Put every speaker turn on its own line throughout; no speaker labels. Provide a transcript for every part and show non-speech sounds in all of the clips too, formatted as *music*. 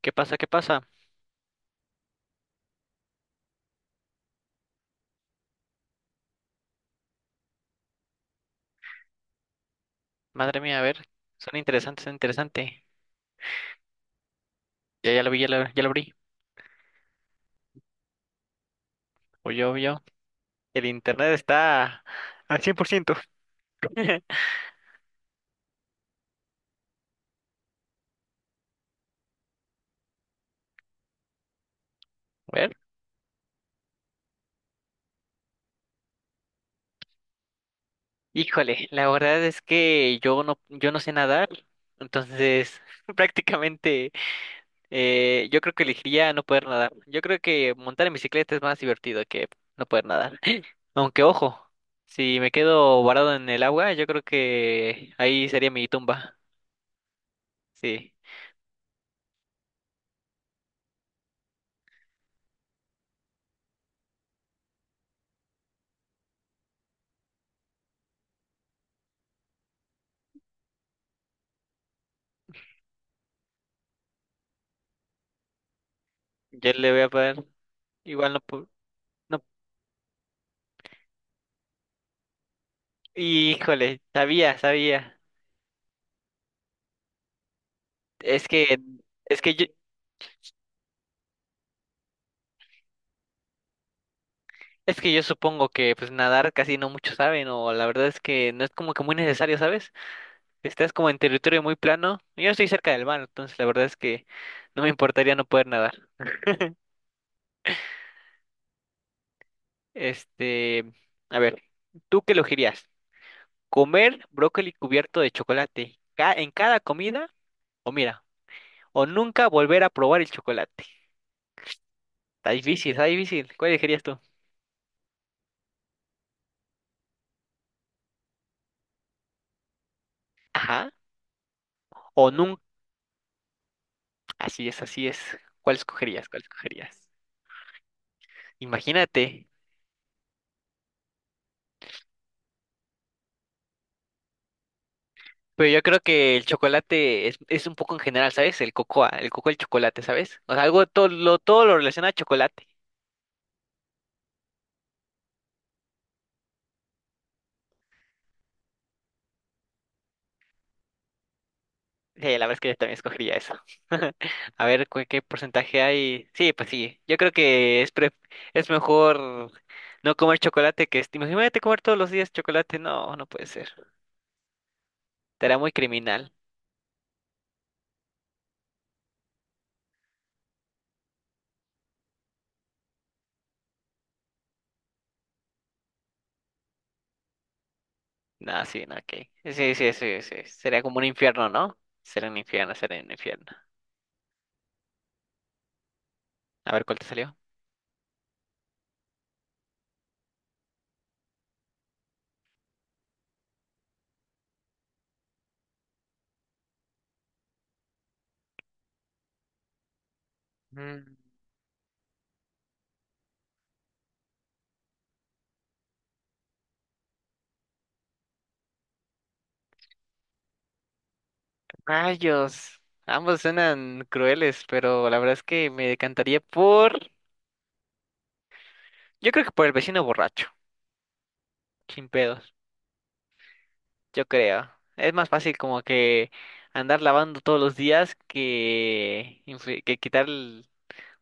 ¿Qué pasa? ¿Qué pasa? Madre mía, a ver, son interesantes. Ya lo vi, ya lo abrí. O yo. El internet está al 100%. *laughs* A ver. Híjole, la verdad es que yo no sé nadar, entonces *laughs* prácticamente yo creo que elegiría no poder nadar. Yo creo que montar en bicicleta es más divertido que no poder nadar. *laughs* Aunque ojo, si me quedo varado en el agua, yo creo que ahí sería mi tumba. Sí. Yo le voy a poner. Igual no, no. Híjole, sabía, sabía. Es que, es que yo, es que yo supongo que pues nadar casi no muchos saben, o la verdad es que no es como que muy necesario, ¿sabes? Estás como en territorio muy plano. Yo estoy cerca del mar, entonces la verdad es que no me importaría no poder nadar. Este, a ver, ¿tú qué elegirías? ¿Comer brócoli cubierto de chocolate en cada comida? O mira, o nunca volver a probar el chocolate. Está difícil, está difícil. ¿Cuál elegirías tú? Ajá. O nunca. Así es, así es. ¿Cuál escogerías? ¿Cuál escogerías? Imagínate. Pero yo creo que el chocolate es un poco en general, ¿sabes? El cocoa, el chocolate, ¿sabes? O sea, algo, todo lo relaciona a chocolate. Sí, la verdad es que yo también escogería eso. *laughs* A ver, ¿qué porcentaje hay? Sí, pues sí. Yo creo que es mejor no comer chocolate que imagínate comer todos los días chocolate. No, no puede ser. Te hará muy criminal. No, sí, no, ok. Sí, sí, sí, sí. Sería como un infierno, ¿no? Sería un infierno. A ver, ¿cuál te salió? Mm, rayos. Ambos suenan crueles, pero la verdad es que me decantaría por... yo creo que por el vecino borracho. Sin pedos, yo creo. Es más fácil como que andar lavando todos los días que quitar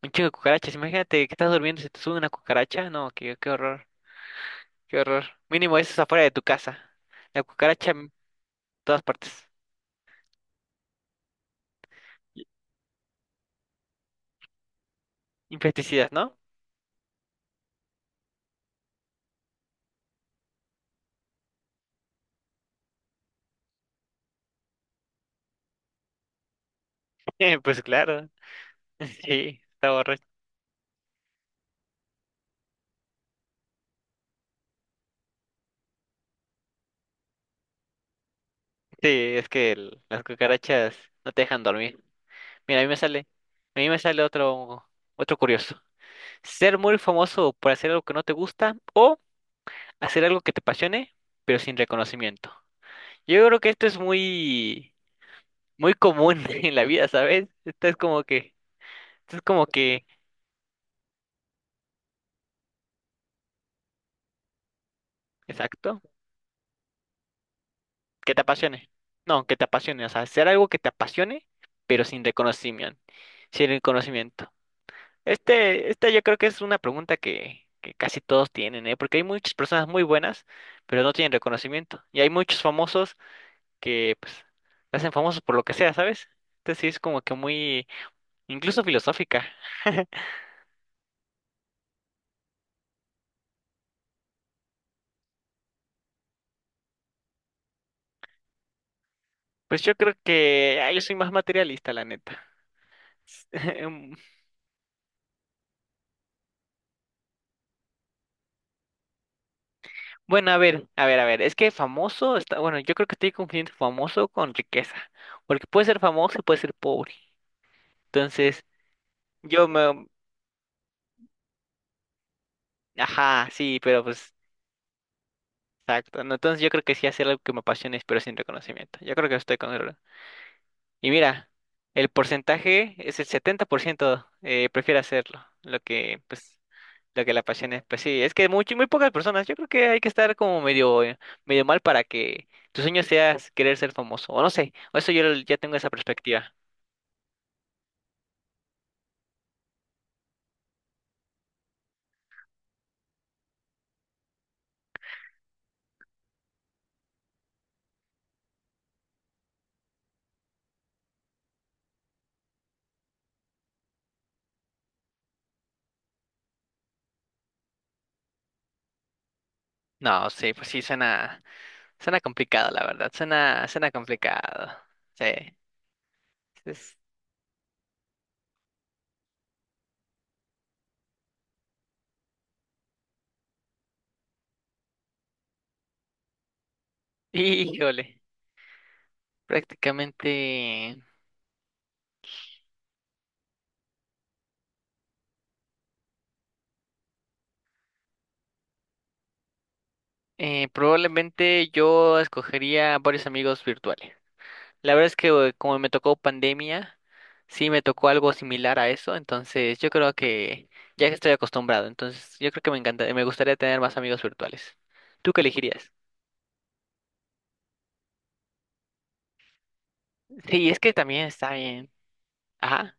un chingo de cucarachas. Imagínate que estás durmiendo y se te sube una cucaracha. No, qué, qué horror, qué horror. Mínimo eso es afuera de tu casa. La cucaracha todas partes. Y- Infesticidas, ¿no? *laughs* Pues claro, *laughs* sí, está borracho. Sí, es que las cucarachas no te dejan dormir. Mira, a mí me sale, a mí me sale otro, otro curioso. Ser muy famoso por hacer algo que no te gusta o hacer algo que te apasione, pero sin reconocimiento. Yo creo que esto es muy, muy común *laughs* en la vida, ¿sabes? Esto es como que, esto es como que, exacto. Que te apasione. No, que te apasione, o sea, hacer algo que te apasione, pero sin reconocimiento. Este, esta yo creo que es una pregunta que casi todos tienen, ¿eh? Porque hay muchas personas muy buenas, pero no tienen reconocimiento. Y hay muchos famosos que, pues, se hacen famosos por lo que sea, ¿sabes? Entonces sí es como que muy, incluso filosófica. *laughs* Pues yo creo que, ah, yo soy más materialista, la neta. *laughs* Bueno, a ver, a ver, a ver, es que famoso está, bueno, yo creo que estoy confundiendo famoso con riqueza, porque puede ser famoso y puede ser pobre. Entonces, yo me, ajá, sí, pero pues, exacto, no, entonces yo creo que sí hacer algo que me apasione, pero sin reconocimiento. Yo creo que estoy con él. Y mira, el porcentaje es el 70% prefiere hacerlo, lo que, pues, lo que la pasión es, pues sí, es que muy, muy pocas personas, yo creo que hay que estar como medio, medio mal para que tu sueño sea querer ser famoso, o no sé, o eso yo ya tengo esa perspectiva. No, sí, pues sí, suena, suena complicado, la verdad, suena, suena complicado, sí. Es- *laughs* híjole, prácticamente, probablemente yo escogería varios amigos virtuales. La verdad es que como me tocó pandemia, sí me tocó algo similar a eso, entonces yo creo que ya que estoy acostumbrado, entonces yo creo que me encanta, me gustaría tener más amigos virtuales. ¿Tú qué elegirías? Sí, es que también está bien. Ajá,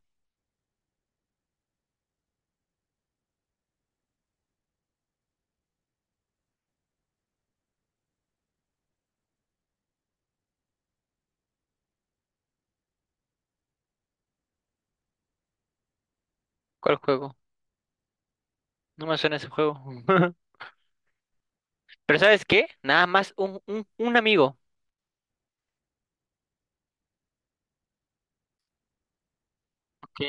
¿cuál juego? No me suena ese juego. *laughs* Pero ¿sabes qué? Nada más un amigo. Ok.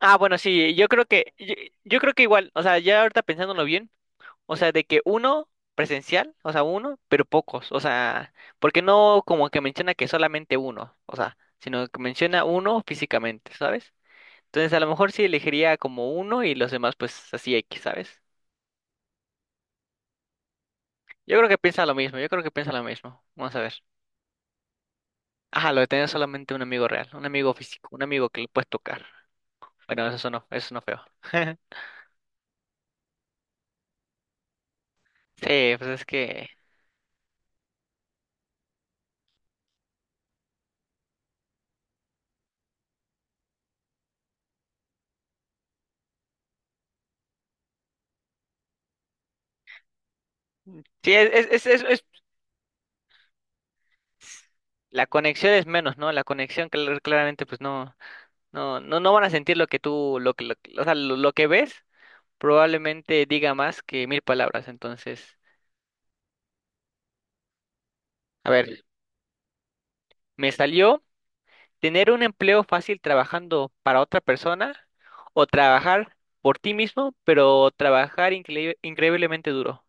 Ah, bueno, sí, yo creo que igual, o sea, ya ahorita pensándolo bien. O sea, de que uno presencial, o sea, uno, pero pocos. O sea, porque no como que menciona que solamente uno, o sea, sino que menciona uno físicamente, ¿sabes? Entonces, a lo mejor sí elegiría como uno y los demás, pues así X, ¿sabes? Yo creo que piensa lo mismo, yo creo que piensa lo mismo. Vamos a ver. Ajá, lo de tener solamente un amigo real, un amigo físico, un amigo que le puedes tocar. Bueno, eso no feo. *laughs* Sí, pues es que. Sí, la conexión es menos, ¿no? La conexión, claramente, pues no. No, no, no van a sentir lo que tú, o sea, lo que ves probablemente diga más que mil palabras. Entonces, a ver, sí. Me salió tener un empleo fácil trabajando para otra persona o trabajar por ti mismo, pero trabajar increíblemente duro.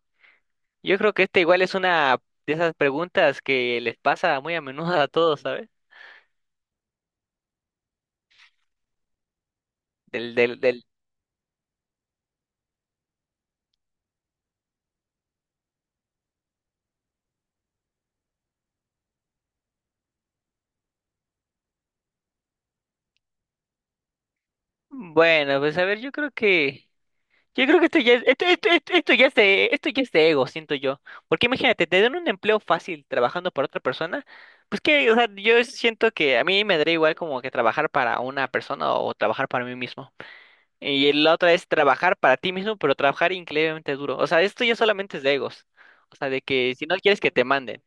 Yo creo que esta igual es una de esas preguntas que les pasa muy a menudo a todos, ¿sabes? Del. Bueno, pues a ver, yo creo que yo creo que esto ya es, esto ya es de, esto ya es de ego, siento yo. Porque imagínate, te dan un empleo fácil trabajando para otra persona. Pues que, o sea, yo siento que a mí me daría igual como que trabajar para una persona o trabajar para mí mismo. Y la otra es trabajar para ti mismo, pero trabajar increíblemente duro. O sea, esto ya solamente es de egos. O sea, de que si no quieres que te manden.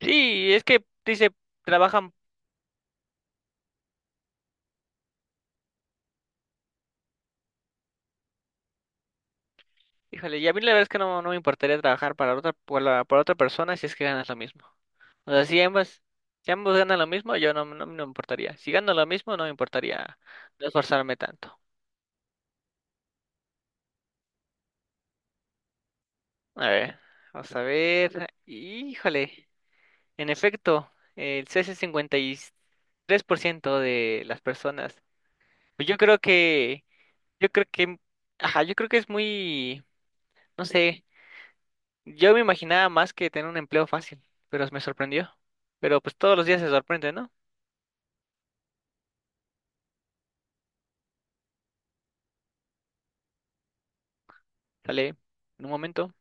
Sí, es que dice, trabajan, híjole, y a mí la verdad es que no, no me importaría trabajar para otra, para otra persona si es que ganas lo mismo. O sea, si ambos, si ambos ganan lo mismo, yo no, no, no me importaría. Si gano lo mismo, no me importaría no esforzarme tanto. A ver, vamos a ver. Híjole, en efecto, el CS por ciento de las personas. Pues yo creo que, ajá, yo creo que es muy, no sé, yo me imaginaba más que tener un empleo fácil, pero me sorprendió. Pero pues todos los días se sorprende, ¿no? Sale en un momento.